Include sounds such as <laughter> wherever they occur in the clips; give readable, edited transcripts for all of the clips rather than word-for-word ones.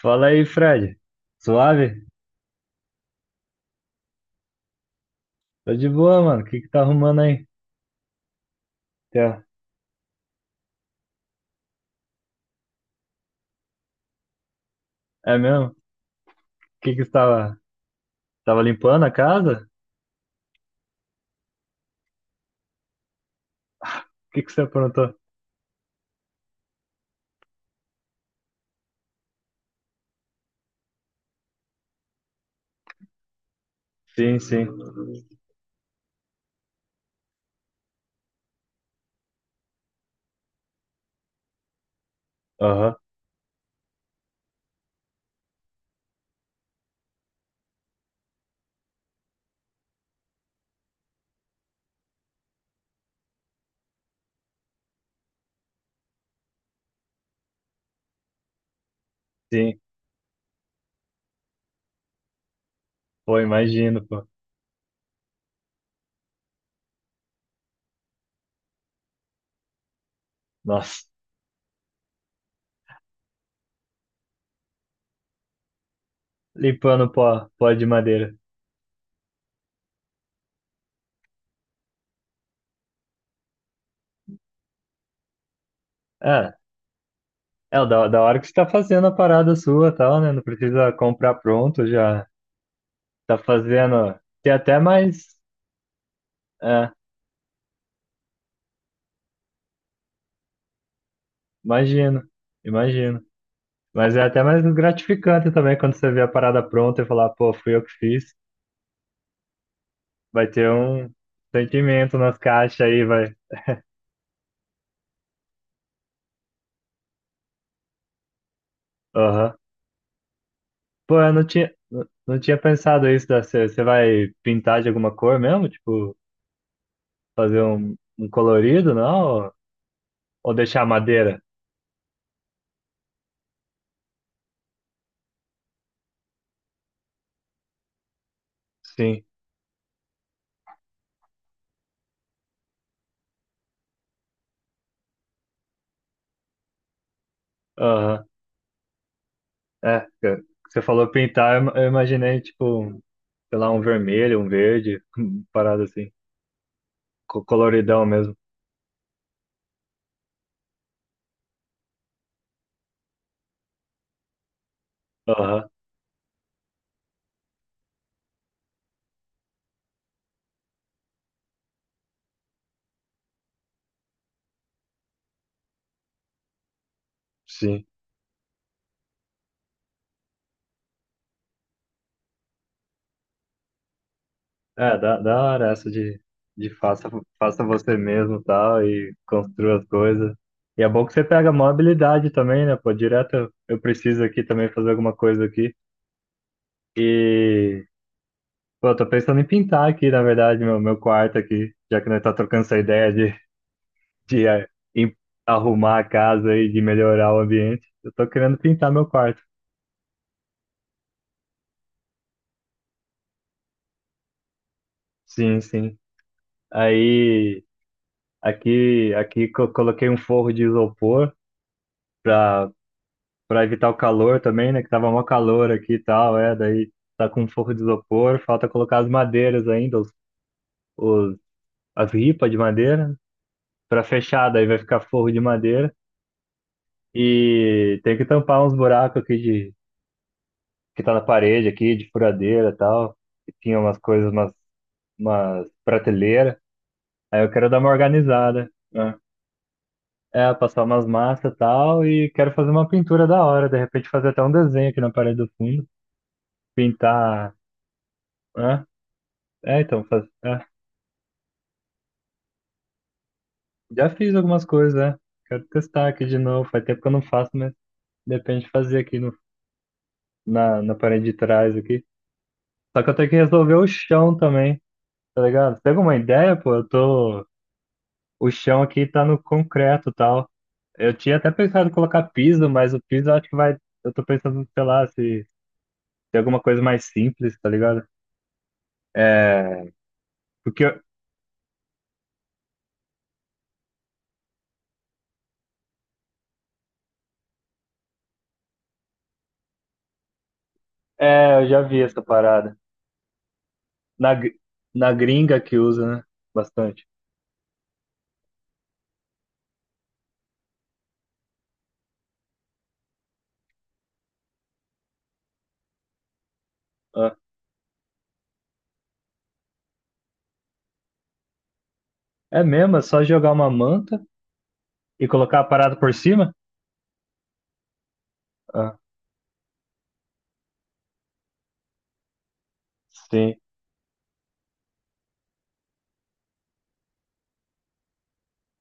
Fala aí, Fred. Suave? Tô de boa, mano. O que que tá arrumando aí? Tá. É mesmo? O que que você tava, tava limpando a casa? O que que você aprontou? Sim, sim. Aham, sim. Pô, imagino, pô. Nossa, limpando pó, pó de madeira. É, é o da, da hora que você tá fazendo a parada sua, e tal, né? Não precisa comprar pronto, já tá fazendo. Tem até mais. É, imagino, imagino. Mas é até mais gratificante também quando você vê a parada pronta e falar, pô, fui eu que fiz. Vai ter um sentimento nas caixas aí, vai. Aham. Pô, eu não tinha, não tinha pensado isso. Da, você, você vai pintar de alguma cor mesmo? Tipo, fazer um, um colorido, não? Ou deixar madeira? Sim. Aham. É, que- você falou pintar, eu imaginei, tipo, um, sei lá, um vermelho, um verde, <laughs> parada assim, coloridão mesmo. Aham. Sim. É, da, da hora essa de faça, faça você mesmo e tal, e construa as coisas. E é bom que você pega maior habilidade também, né? Pô, direto eu preciso aqui também fazer alguma coisa aqui. E, pô, eu tô pensando em pintar aqui, na verdade, meu quarto aqui, já que nós tá trocando essa ideia de, de é, em- arrumar a casa e de melhorar o ambiente. Eu tô querendo pintar meu quarto. Sim, sim. Aí, aqui, coloquei um forro de isopor. Pra evitar o calor também, né? Que tava mó calor aqui e tal, é. Daí tá com um forro de isopor, falta colocar as madeiras ainda, os- as ripas de madeira, né, pra fechar, daí vai ficar forro de madeira. E tem que tampar uns buracos aqui de, que tá na parede aqui, de furadeira e tal. E tinha umas coisas, umas, umas prateleiras. Aí eu quero dar uma organizada, né? É, passar umas massas e tal, e quero fazer uma pintura da hora, de repente fazer até um desenho aqui na parede do fundo, pintar, né? É, então, faz, é. Já fiz algumas coisas, né? Quero testar aqui de novo. Faz tempo que eu não faço, mas depende de fazer aqui no, na, na parede de trás aqui. Só que eu tenho que resolver o chão também, tá ligado? Você tem alguma ideia, pô? Eu tô. O chão aqui tá no concreto e tal. Eu tinha até pensado em colocar piso, mas o piso eu acho que vai. Eu tô pensando, sei lá, se tem alguma coisa mais simples, tá ligado? É. Porque. eu- É, eu já vi essa parada. Na, gr- na gringa que usa, né? Bastante. Ah, é mesmo, é só jogar uma manta. E colocar a parada por cima? Ah, sim.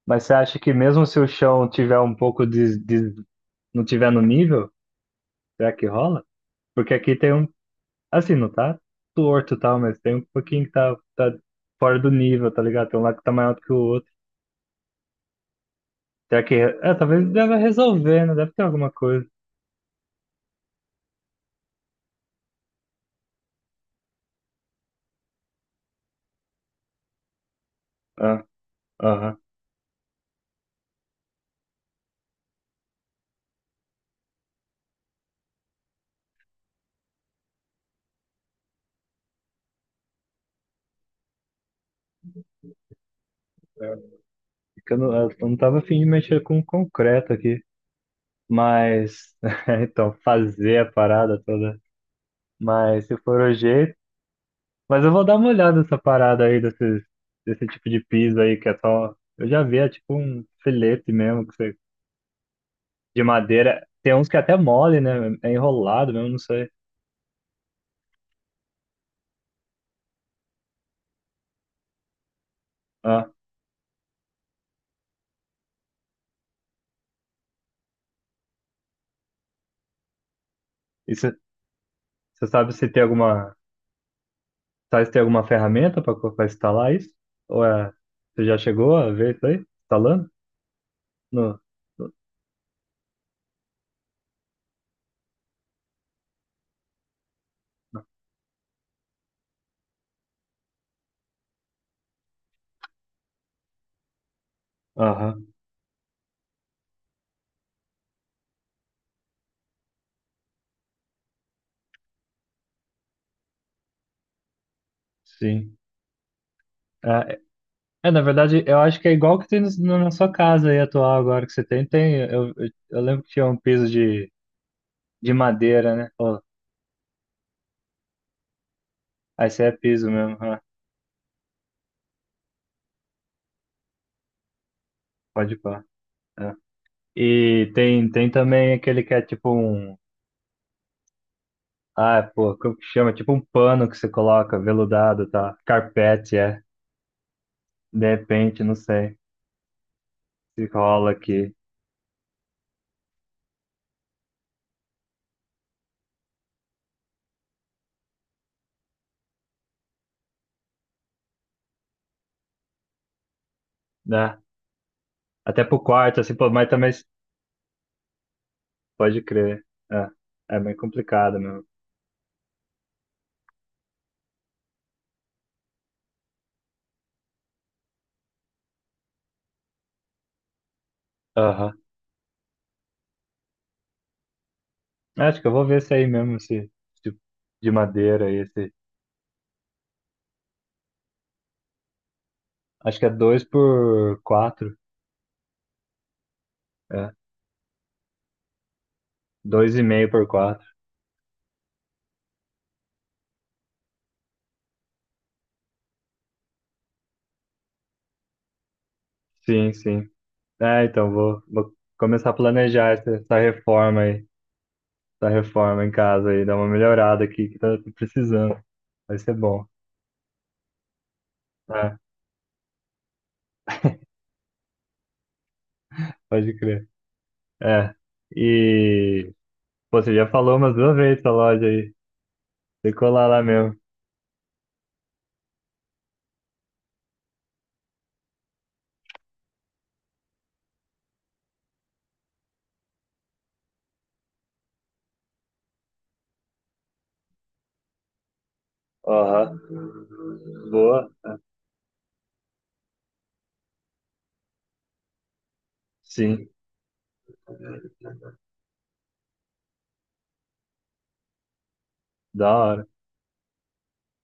Mas você acha que mesmo se o chão tiver um pouco não tiver no nível, será que rola? Porque aqui tem um, assim, não tá torto e tal, mas tem um pouquinho que tá, tá fora do nível, tá ligado? Tem um lá que tá maior do que o outro. Será que, é, talvez deva resolver, né? Deve ter alguma coisa. Ah, aham. É que eu não, eu não tava afim de mexer com concreto aqui, mas, <laughs> então, fazer a parada toda. Mas se for o jeito, mas eu vou dar uma olhada nessa parada aí, desse, desse tipo de piso aí, que é só. Eu já vi, é tipo um filete mesmo, que você, de madeira. Tem uns que é até mole, né? É enrolado mesmo, não sei. Ah, e você sabe se tem alguma. Sabe se tem alguma ferramenta pra instalar isso? Ou é. Você já chegou a ver isso aí? Instalando? No... no- Aham, sim. É, é, na verdade, eu acho que é igual que tem na sua casa aí atual agora que você tem. Tem, eu, eu lembro que tinha um piso de madeira, né? Aí você é piso mesmo, ah, pode pá. É. E tem, tem também aquele que é tipo um. Ah, pô, como que chama? Tipo um pano que você coloca, veludado, tá? Carpete, é. De repente, não sei. Se rola aqui, né? Até pro quarto, assim, pô, mas também pode crer. É, é meio complicado mesmo. Aham. Acho que eu vou ver esse aí mesmo, esse tipo de madeira aí, esse. Acho que é dois por quatro. É. Dois e meio por quatro. Sim, sim. É, então vou, vou começar a planejar essa, essa reforma aí, essa reforma em casa aí, dar uma melhorada aqui que tá tô precisando. Vai ser bom. É, pode crer. É. E pô, você já falou umas duas vezes essa loja aí. Tem que colar lá mesmo. Aham. Boa. Sim. Da hora.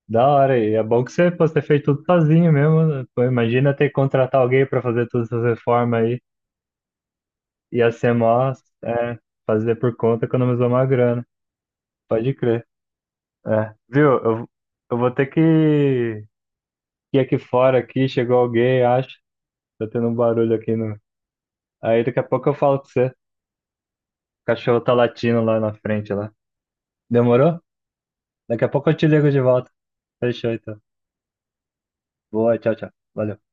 Da hora. E é bom que você, pô, você fez tudo sozinho mesmo, né? Pô, imagina ter que contratar alguém pra fazer todas essas reformas aí. E a CMOS, é, fazer por conta economizou uma grana. Pode crer. É. Viu? Eu vou ter que ir aqui fora aqui, chegou alguém, acho. Tá tendo um barulho aqui no. Aí daqui a pouco eu falo com você. O cachorro tá latindo lá na frente lá. Demorou? Daqui a pouco eu te ligo de volta. Fechou, então. Boa, tchau, tchau. Valeu.